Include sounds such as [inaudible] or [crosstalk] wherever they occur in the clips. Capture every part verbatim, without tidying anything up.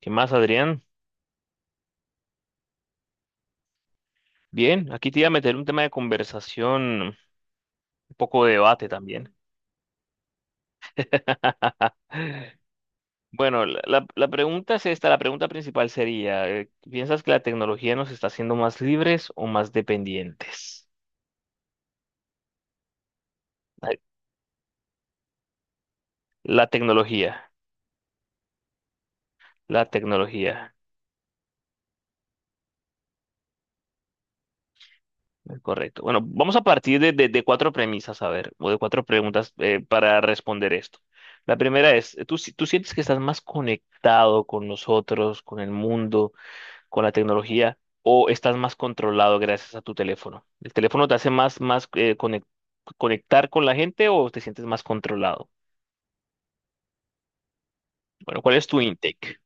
¿Qué más, Adrián? Bien, aquí te iba a meter un tema de conversación, un poco de debate también. [laughs] Bueno, la, la- la pregunta es esta, la pregunta principal sería, eh, ¿piensas que la tecnología nos está haciendo más libres o más dependientes? Ay, La tecnología, la tecnología, eh, correcto. Bueno, vamos a partir de, de- de cuatro premisas, a ver, o de cuatro preguntas eh, para responder esto. La primera es, ¿tú, si- tú sientes que estás más conectado con nosotros, con el mundo, con la tecnología, o estás más controlado gracias a tu teléfono? ¿El teléfono te hace más, más eh, conec- conectar con la gente o te sientes más controlado? Bueno, ¿cuál es tu intake?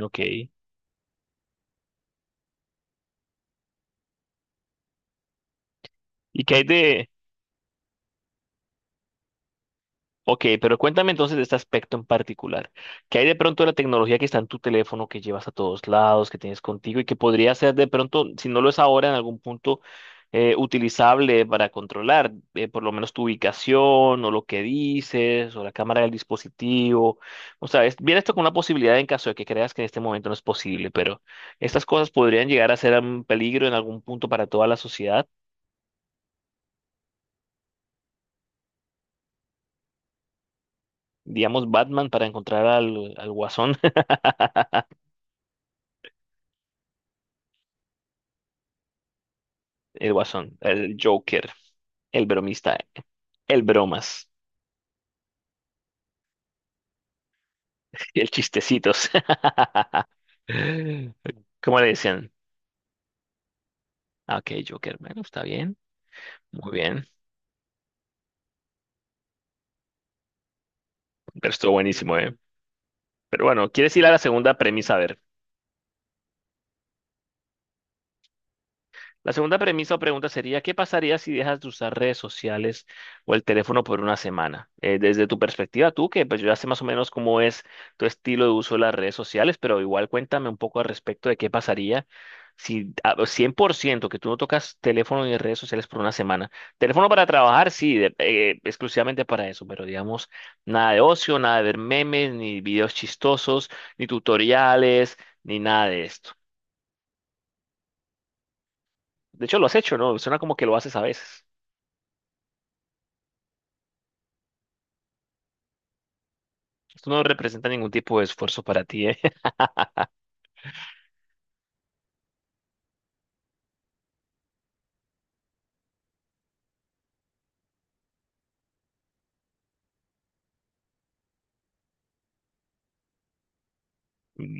OK. ¿Y qué hay de? OK, pero cuéntame entonces de este aspecto en particular. ¿Qué hay de pronto de la tecnología que está en tu teléfono, que llevas a todos lados, que tienes contigo y que podría ser de pronto, si no lo es ahora, en algún punto eh, utilizable para controlar eh, por lo menos tu ubicación o lo que dices o la cámara del dispositivo? O sea, es, viene esto con una posibilidad en caso de que creas que en este momento no es posible, pero estas cosas podrían llegar a ser un peligro en algún punto para toda la sociedad. Digamos, Batman para encontrar al, al Guasón, el Guasón, el Joker, el bromista, el bromas, el chistecitos. [laughs] ¿Cómo le decían? Ah, OK, Joker, bueno, está bien, muy bien, pero estuvo buenísimo, ¿eh? Pero bueno, ¿quieres ir a la segunda premisa? A ver. La segunda premisa o pregunta sería, ¿qué pasaría si dejas de usar redes sociales o el teléfono por una semana? Eh, desde tu perspectiva, tú, que pues yo ya sé más o menos cómo es tu estilo de uso de las redes sociales, pero igual cuéntame un poco al respecto de qué pasaría si a- cien por ciento que tú no tocas teléfono ni redes sociales por una semana. Teléfono para trabajar, sí, de- eh, exclusivamente para eso, pero digamos, nada de ocio, nada de ver memes, ni videos chistosos, ni tutoriales, ni nada de esto. De hecho, lo has hecho, ¿no? Suena como que lo haces a veces. Esto no representa ningún tipo de esfuerzo para ti, ¿eh? [laughs]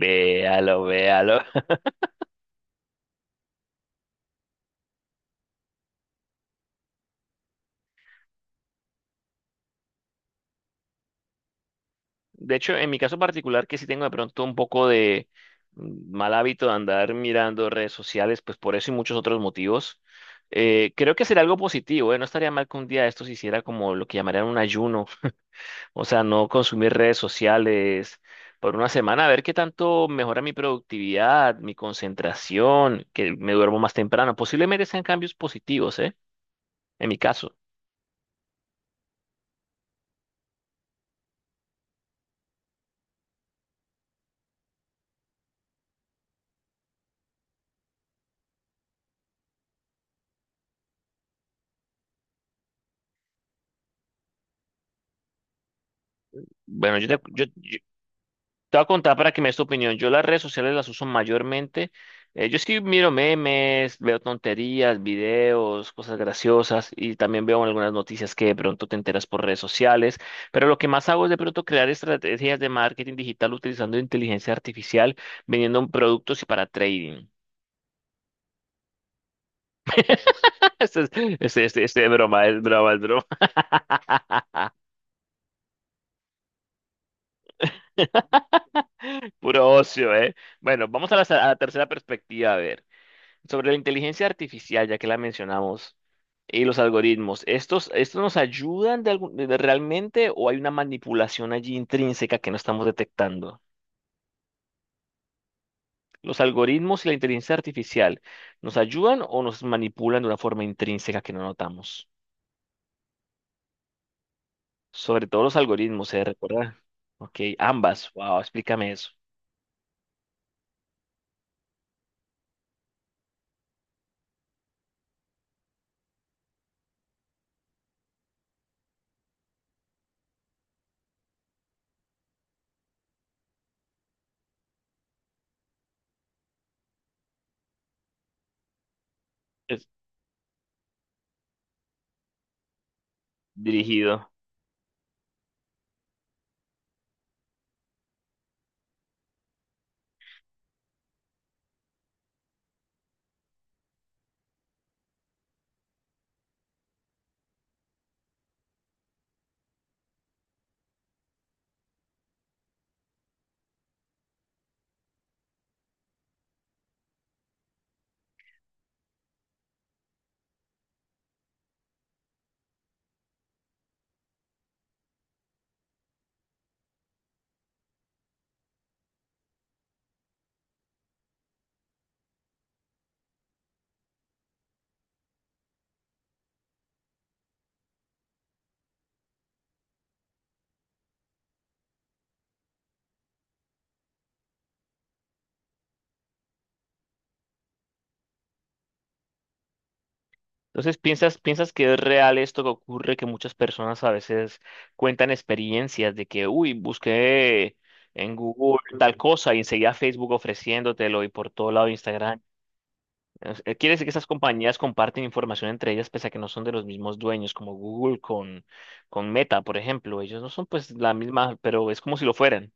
Véalo, véalo. De hecho, en mi caso particular, que sí tengo de pronto un poco de mm, mal hábito de andar mirando redes sociales, pues por eso y muchos otros motivos, eh, creo que sería algo positivo, ¿eh? No estaría mal que un día esto se hiciera como lo que llamarían un ayuno, o sea, no consumir redes sociales por una semana, a ver qué tanto mejora mi productividad, mi concentración, que me duermo más temprano. Posiblemente sean cambios positivos, ¿eh? En mi caso. Bueno, yo te, yo, te voy a contar para que me des tu opinión. Yo las redes sociales las uso mayormente. eh, yo sí miro memes, veo tonterías, videos, cosas graciosas y también veo algunas noticias que de pronto te enteras por redes sociales. Pero lo que más hago es de pronto crear estrategias de marketing digital utilizando inteligencia artificial, vendiendo productos y para trading. [laughs] Este es, este, este, este es broma, es broma, es broma. [laughs] Puro ocio, ¿eh? Bueno, vamos a la, a la tercera perspectiva, a ver. Sobre la inteligencia artificial, ya que la mencionamos. Y los algoritmos, ¿estos, estos nos ayudan de algún- de- realmente, o hay una manipulación allí intrínseca que no estamos detectando? ¿Los algoritmos y la inteligencia artificial nos ayudan o nos manipulan de una forma intrínseca que no notamos? Sobre todo los algoritmos, ¿eh? ¿Recuerda? OK, ambas. Wow, explícame eso. Es dirigido. Entonces, ¿piensas, piensas que es real esto que ocurre, que muchas personas a veces cuentan experiencias de que, uy, busqué en Google tal cosa y enseguida Facebook ofreciéndotelo y por todo lado Instagram? Es- eh, Quiere decir que esas compañías comparten información entre ellas pese a que no son de los mismos dueños, como Google con, con Meta, por ejemplo. Ellos no son pues la misma, pero es como si lo fueran.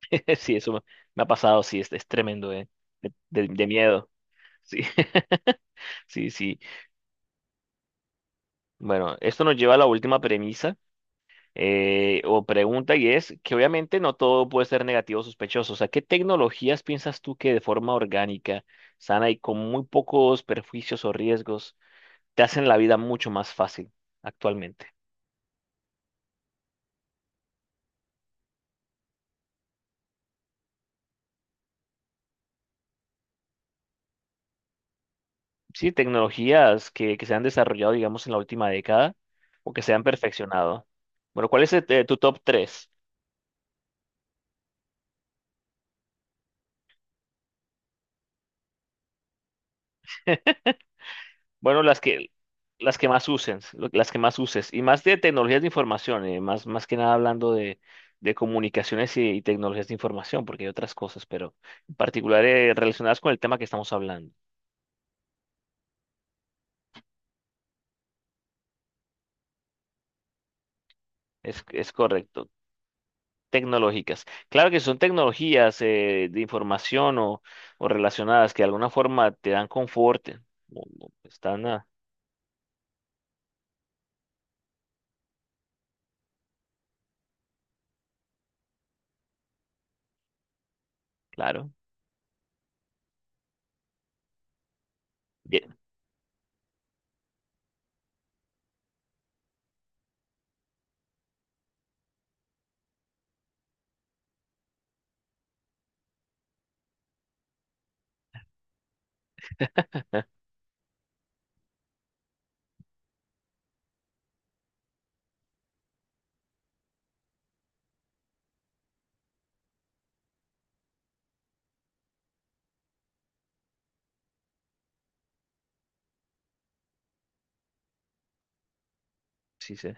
[laughs] Sí, eso me ha pasado, sí, es, es tremendo, eh, de, de de miedo. Sí, [laughs] sí, sí. Bueno, esto nos lleva a la última premisa eh, o pregunta, y es que obviamente no todo puede ser negativo o sospechoso. O sea, ¿qué tecnologías piensas tú que de forma orgánica, sana y con muy pocos perjuicios o riesgos te hacen la vida mucho más fácil actualmente? Sí, tecnologías que, que se han desarrollado, digamos, en la última década o que se han perfeccionado. Bueno, ¿cuál es eh, tu top tres? Bueno, las que, las que más uses, lo- las que más uses, y más de tecnologías de información, eh, más, más que nada hablando de, de comunicaciones y, y tecnologías de información, porque hay otras cosas, pero en particular eh, relacionadas con el tema que estamos hablando. Es, es correcto, tecnológicas. Claro que son tecnologías eh, de información o, o relacionadas que de alguna forma te dan confort, o- o están, ah. Claro, bien, sí, sí.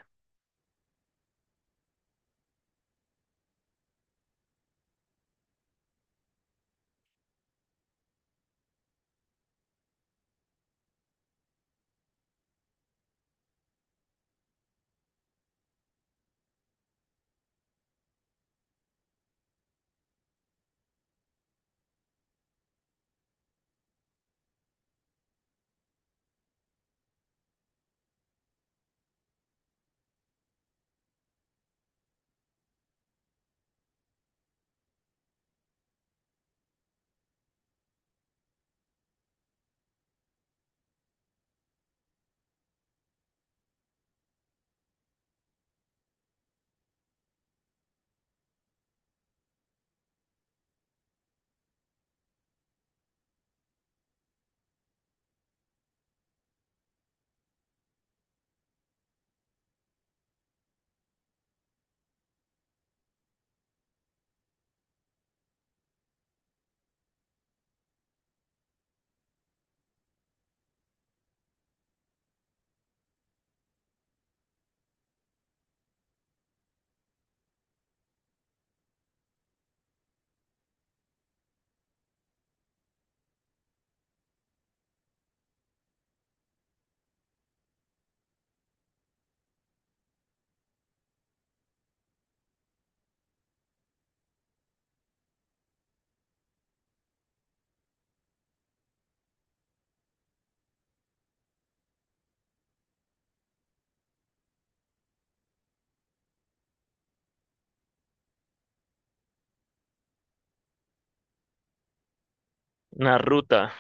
Una ruta,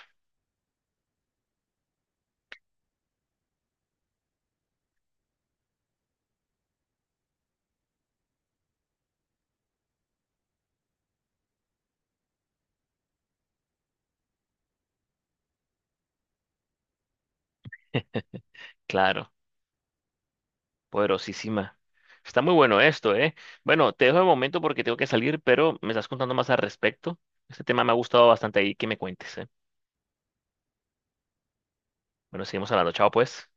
claro. Poderosísima. Está muy bueno esto, ¿eh? Bueno, te dejo de momento porque tengo que salir, pero me estás contando más al respecto. Este tema me ha gustado bastante ahí que me cuentes, ¿eh? Bueno, seguimos hablando. Chao, pues.